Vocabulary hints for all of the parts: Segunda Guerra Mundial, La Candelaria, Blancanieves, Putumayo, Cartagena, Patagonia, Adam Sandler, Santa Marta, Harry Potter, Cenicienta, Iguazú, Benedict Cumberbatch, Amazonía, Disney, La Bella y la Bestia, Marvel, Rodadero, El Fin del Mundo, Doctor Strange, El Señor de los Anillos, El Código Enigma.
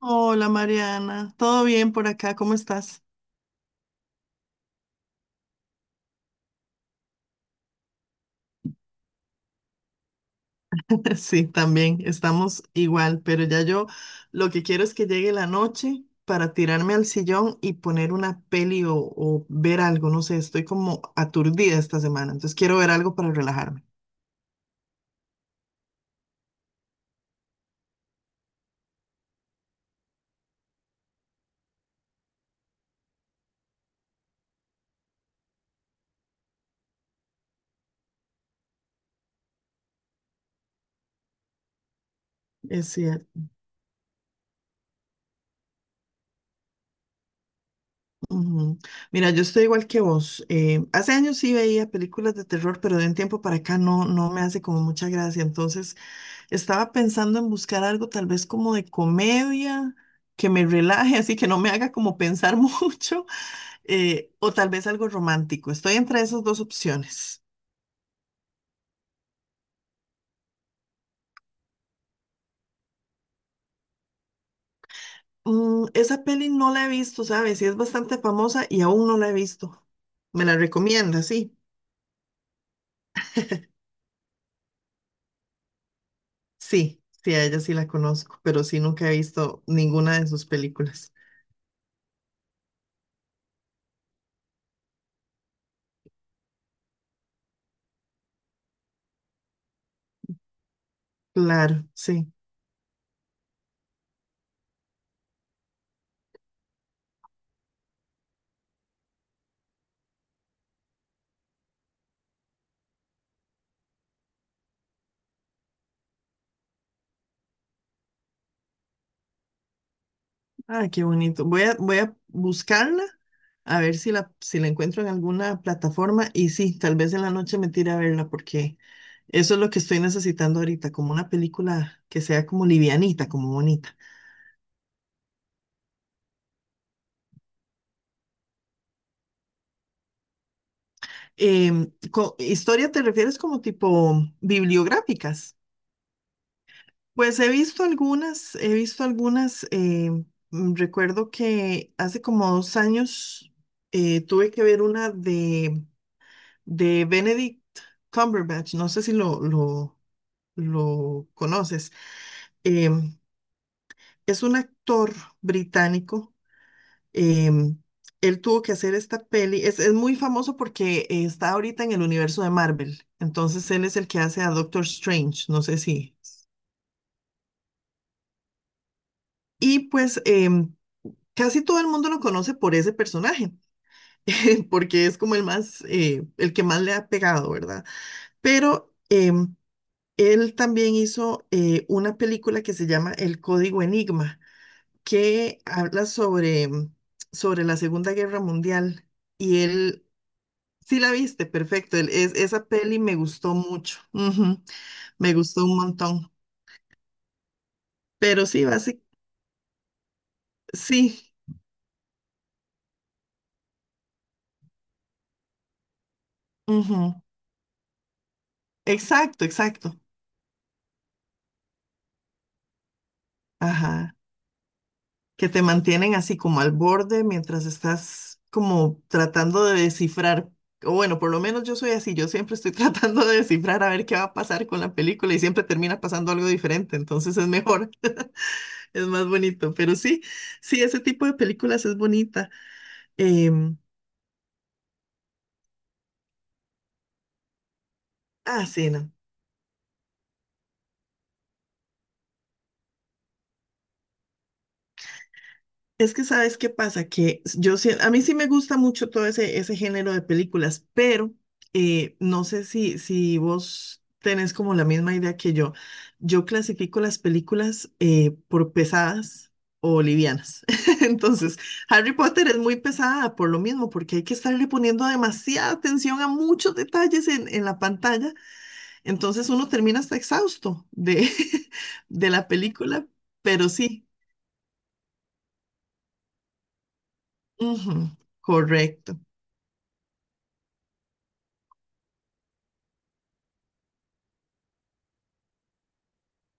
Hola Mariana, ¿todo bien por acá? ¿Cómo estás? Sí, también estamos igual, pero ya yo lo que quiero es que llegue la noche para tirarme al sillón y poner una peli o ver algo, no sé, estoy como aturdida esta semana, entonces quiero ver algo para relajarme. Es cierto. Ujú. Mira, yo estoy igual que vos. Hace años sí veía películas de terror, pero de un tiempo para acá no me hace como mucha gracia. Entonces estaba pensando en buscar algo tal vez como de comedia, que me relaje, así que no me haga como pensar mucho, o tal vez algo romántico. Estoy entre esas dos opciones. Mm, esa peli no la he visto, ¿sabes? Y es bastante famosa y aún no la he visto. ¿Me la recomienda? Sí, sí, sí, a ella sí la conozco, pero sí nunca he visto ninguna de sus películas. Claro, sí. Ah, qué bonito. Voy a buscarla a ver si la encuentro en alguna plataforma y sí, tal vez en la noche me tire a verla porque eso es lo que estoy necesitando ahorita, como una película que sea como livianita, como bonita. ¿Historia te refieres como tipo bibliográficas? Pues he visto algunas, recuerdo que hace como dos años tuve que ver una de Benedict Cumberbatch, no sé si lo conoces, em, es un actor británico. em, Él tuvo que hacer esta peli, es muy famoso porque está ahorita en el universo de Marvel, entonces él es el que hace a Doctor Strange, no sé si. Y pues casi todo el mundo lo conoce por ese personaje, porque es como el más, el que más le ha pegado, ¿verdad? Pero... eh, Él también hizo una película que se llama El Código Enigma, que habla sobre, sobre la Segunda Guerra Mundial. Y él, sí la viste, perfecto. Esa peli me gustó mucho. Ujú, me gustó un montón. Pero sí, básicamente, sí. Ujú, exacto, exacto. Ajá, que te mantienen así como al borde mientras estás como tratando de descifrar. O bueno, por lo menos yo soy así, yo siempre estoy tratando de descifrar a ver qué va a pasar con la película y siempre termina pasando algo diferente, entonces es mejor, es más bonito, pero sí, sí, ese tipo de películas es bonita. Em, ah, sí, no. Es que sabes qué pasa, que a mí sí me gusta mucho ese género de películas, pero no sé si vos tenés como la misma idea que yo. Yo clasifico las películas por pesadas o livianas. Entonces, Harry Potter es muy pesada por lo mismo, porque hay que estarle poniendo demasiada atención a muchos detalles en la pantalla. Entonces uno termina hasta exhausto de, de la película, pero sí. Ujú, correcto.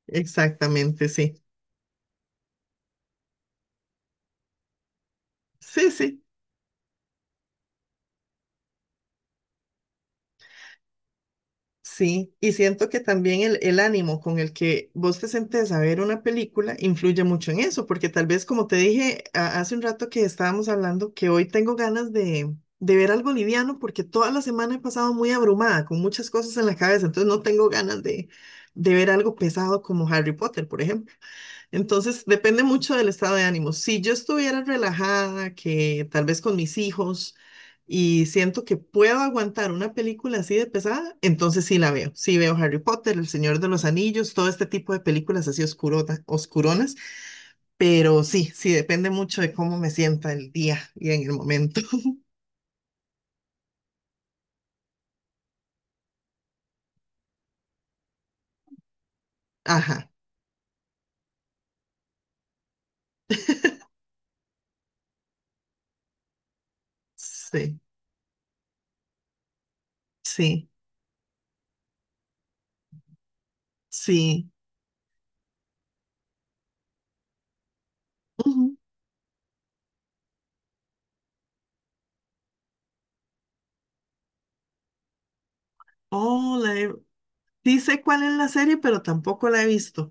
Exactamente, sí. Sí, sí, sí. Y siento que también el ánimo con el que vos te sentes a ver una película influye mucho en eso, porque tal vez como te dije hace un rato que estábamos hablando, que hoy tengo ganas de ver algo liviano porque toda la semana he pasado muy abrumada con muchas cosas en la cabeza, entonces no tengo ganas de ver algo pesado como Harry Potter, por ejemplo. Entonces, depende mucho del estado de ánimo. Si yo estuviera relajada, que tal vez con mis hijos, y siento que puedo aguantar una película así de pesada, entonces sí la veo. Sí veo Harry Potter, El Señor de los Anillos, todo este tipo de películas así oscuronas, pero sí, sí depende mucho de cómo me sienta el día y en el momento. Ajá. Sí, sí, sí. Ujú. Oh, la he- sí sé cuál es la serie, pero tampoco la he visto.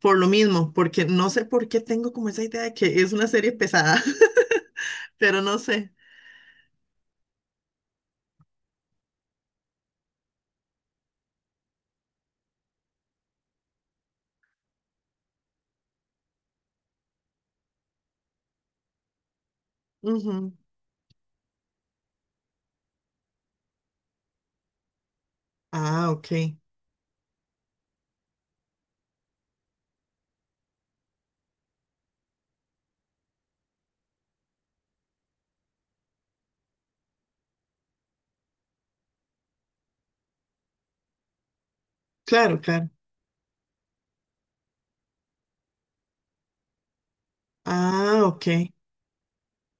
Por lo mismo, porque no sé por qué tengo como esa idea de que es una serie pesada, pero no sé. Ujú. Ah, ok. Claro, claro. Ah, ok.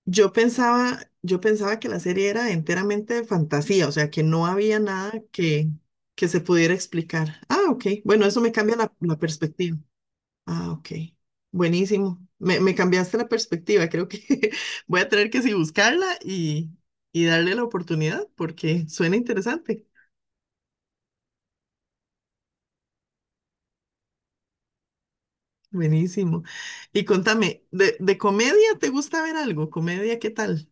Yo pensaba que la serie era enteramente de fantasía, o sea, que no había nada que se pudiera explicar. Ah, ok. Bueno, eso me cambia la perspectiva. Ah, ok. Buenísimo. Me cambiaste la perspectiva. Creo que voy a tener que sí buscarla y darle la oportunidad porque suena interesante. Buenísimo. Y contame, de comedia te gusta ver algo? ¿Comedia qué tal?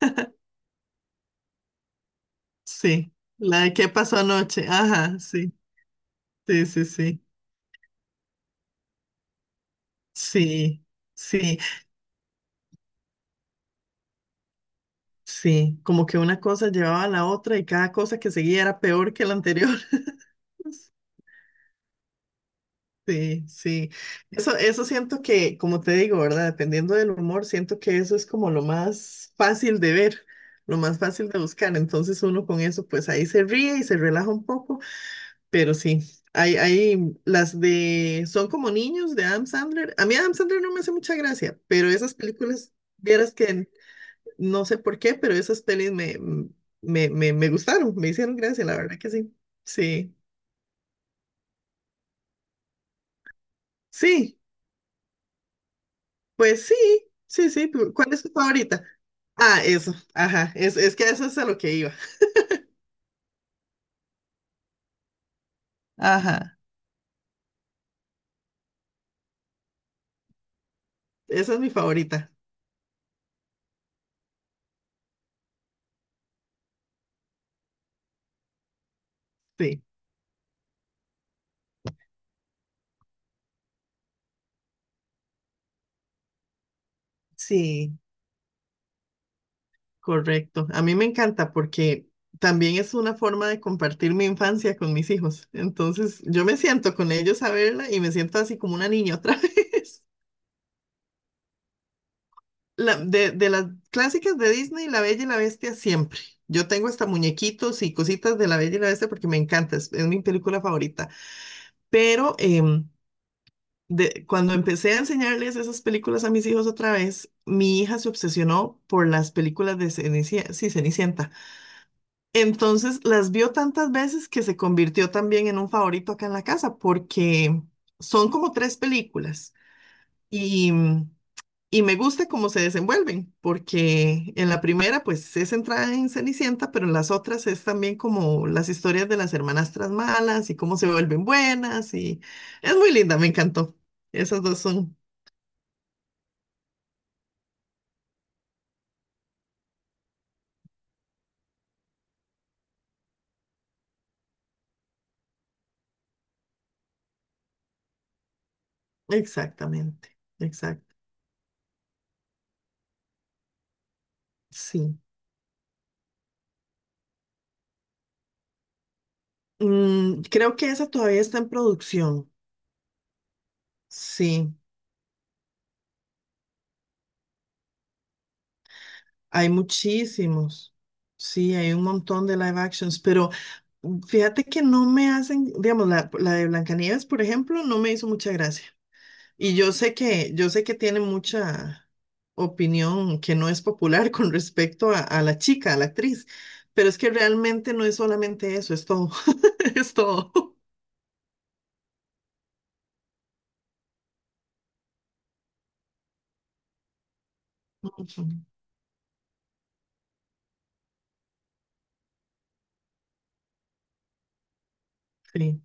Sí, la de qué pasó anoche. Ajá, sí, sí, sí, sí. Sí, sí, sí. Como que una cosa llevaba a la otra y cada cosa que seguía era peor que la anterior. Sí, sí. Eso siento que, como te digo, ¿verdad? Dependiendo del humor, siento que eso es como lo más fácil de ver, lo más fácil de buscar. Entonces uno con eso, pues ahí se ríe y se relaja un poco. Pero sí, hay las de Son como niños de Adam Sandler. A mí Adam Sandler no me hace mucha gracia, pero esas películas, vieras que no sé por qué, pero esas pelis me gustaron, me hicieron gracia, la verdad que sí. Sí, sí, pues sí, sí, sí. Pero ¿cuál es tu favorita? Ah, eso, ajá, es que eso es a lo que iba. Ajá, esa es mi favorita. Sí, sí. Correcto. A mí me encanta porque también es una forma de compartir mi infancia con mis hijos. Entonces, yo me siento con ellos a verla y me siento así como una niña otra vez. De las clásicas de Disney, La Bella y la Bestia siempre. Yo tengo hasta muñequitos y cositas de La Bella y la Bestia porque me encanta, es mi película favorita. Pero cuando empecé a enseñarles esas películas a mis hijos otra vez, mi hija se obsesionó por las películas de Cenicienta, sí, Cenicienta. Entonces las vio tantas veces que se convirtió también en un favorito acá en la casa, porque son como tres películas y, y me gusta cómo se desenvuelven, porque en la primera pues es centrada en Cenicienta, pero en las otras es también como las historias de las hermanastras malas y cómo se vuelven buenas y es muy linda, me encantó. Esas dos son exactamente, exacto, sí. Mm, creo que esa todavía está en producción, sí. Hay muchísimos, sí, hay un montón de live actions, pero fíjate que no me hacen, digamos, la de Blancanieves, por ejemplo, no me hizo mucha gracia. Y yo sé que tiene mucha opinión que no es popular con respecto a la chica, a la actriz, pero es que realmente no es solamente eso, es todo, es todo. Sí,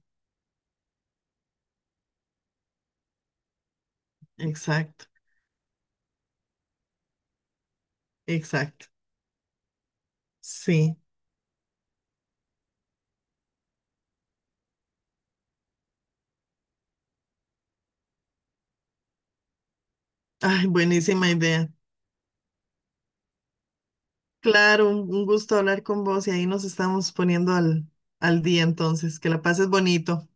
exacto, exacto, sí. Ay, buenísima idea. Claro, un gusto hablar con vos y ahí nos estamos poniendo al día entonces. Que la pases bonito.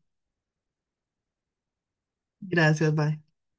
Gracias, bye.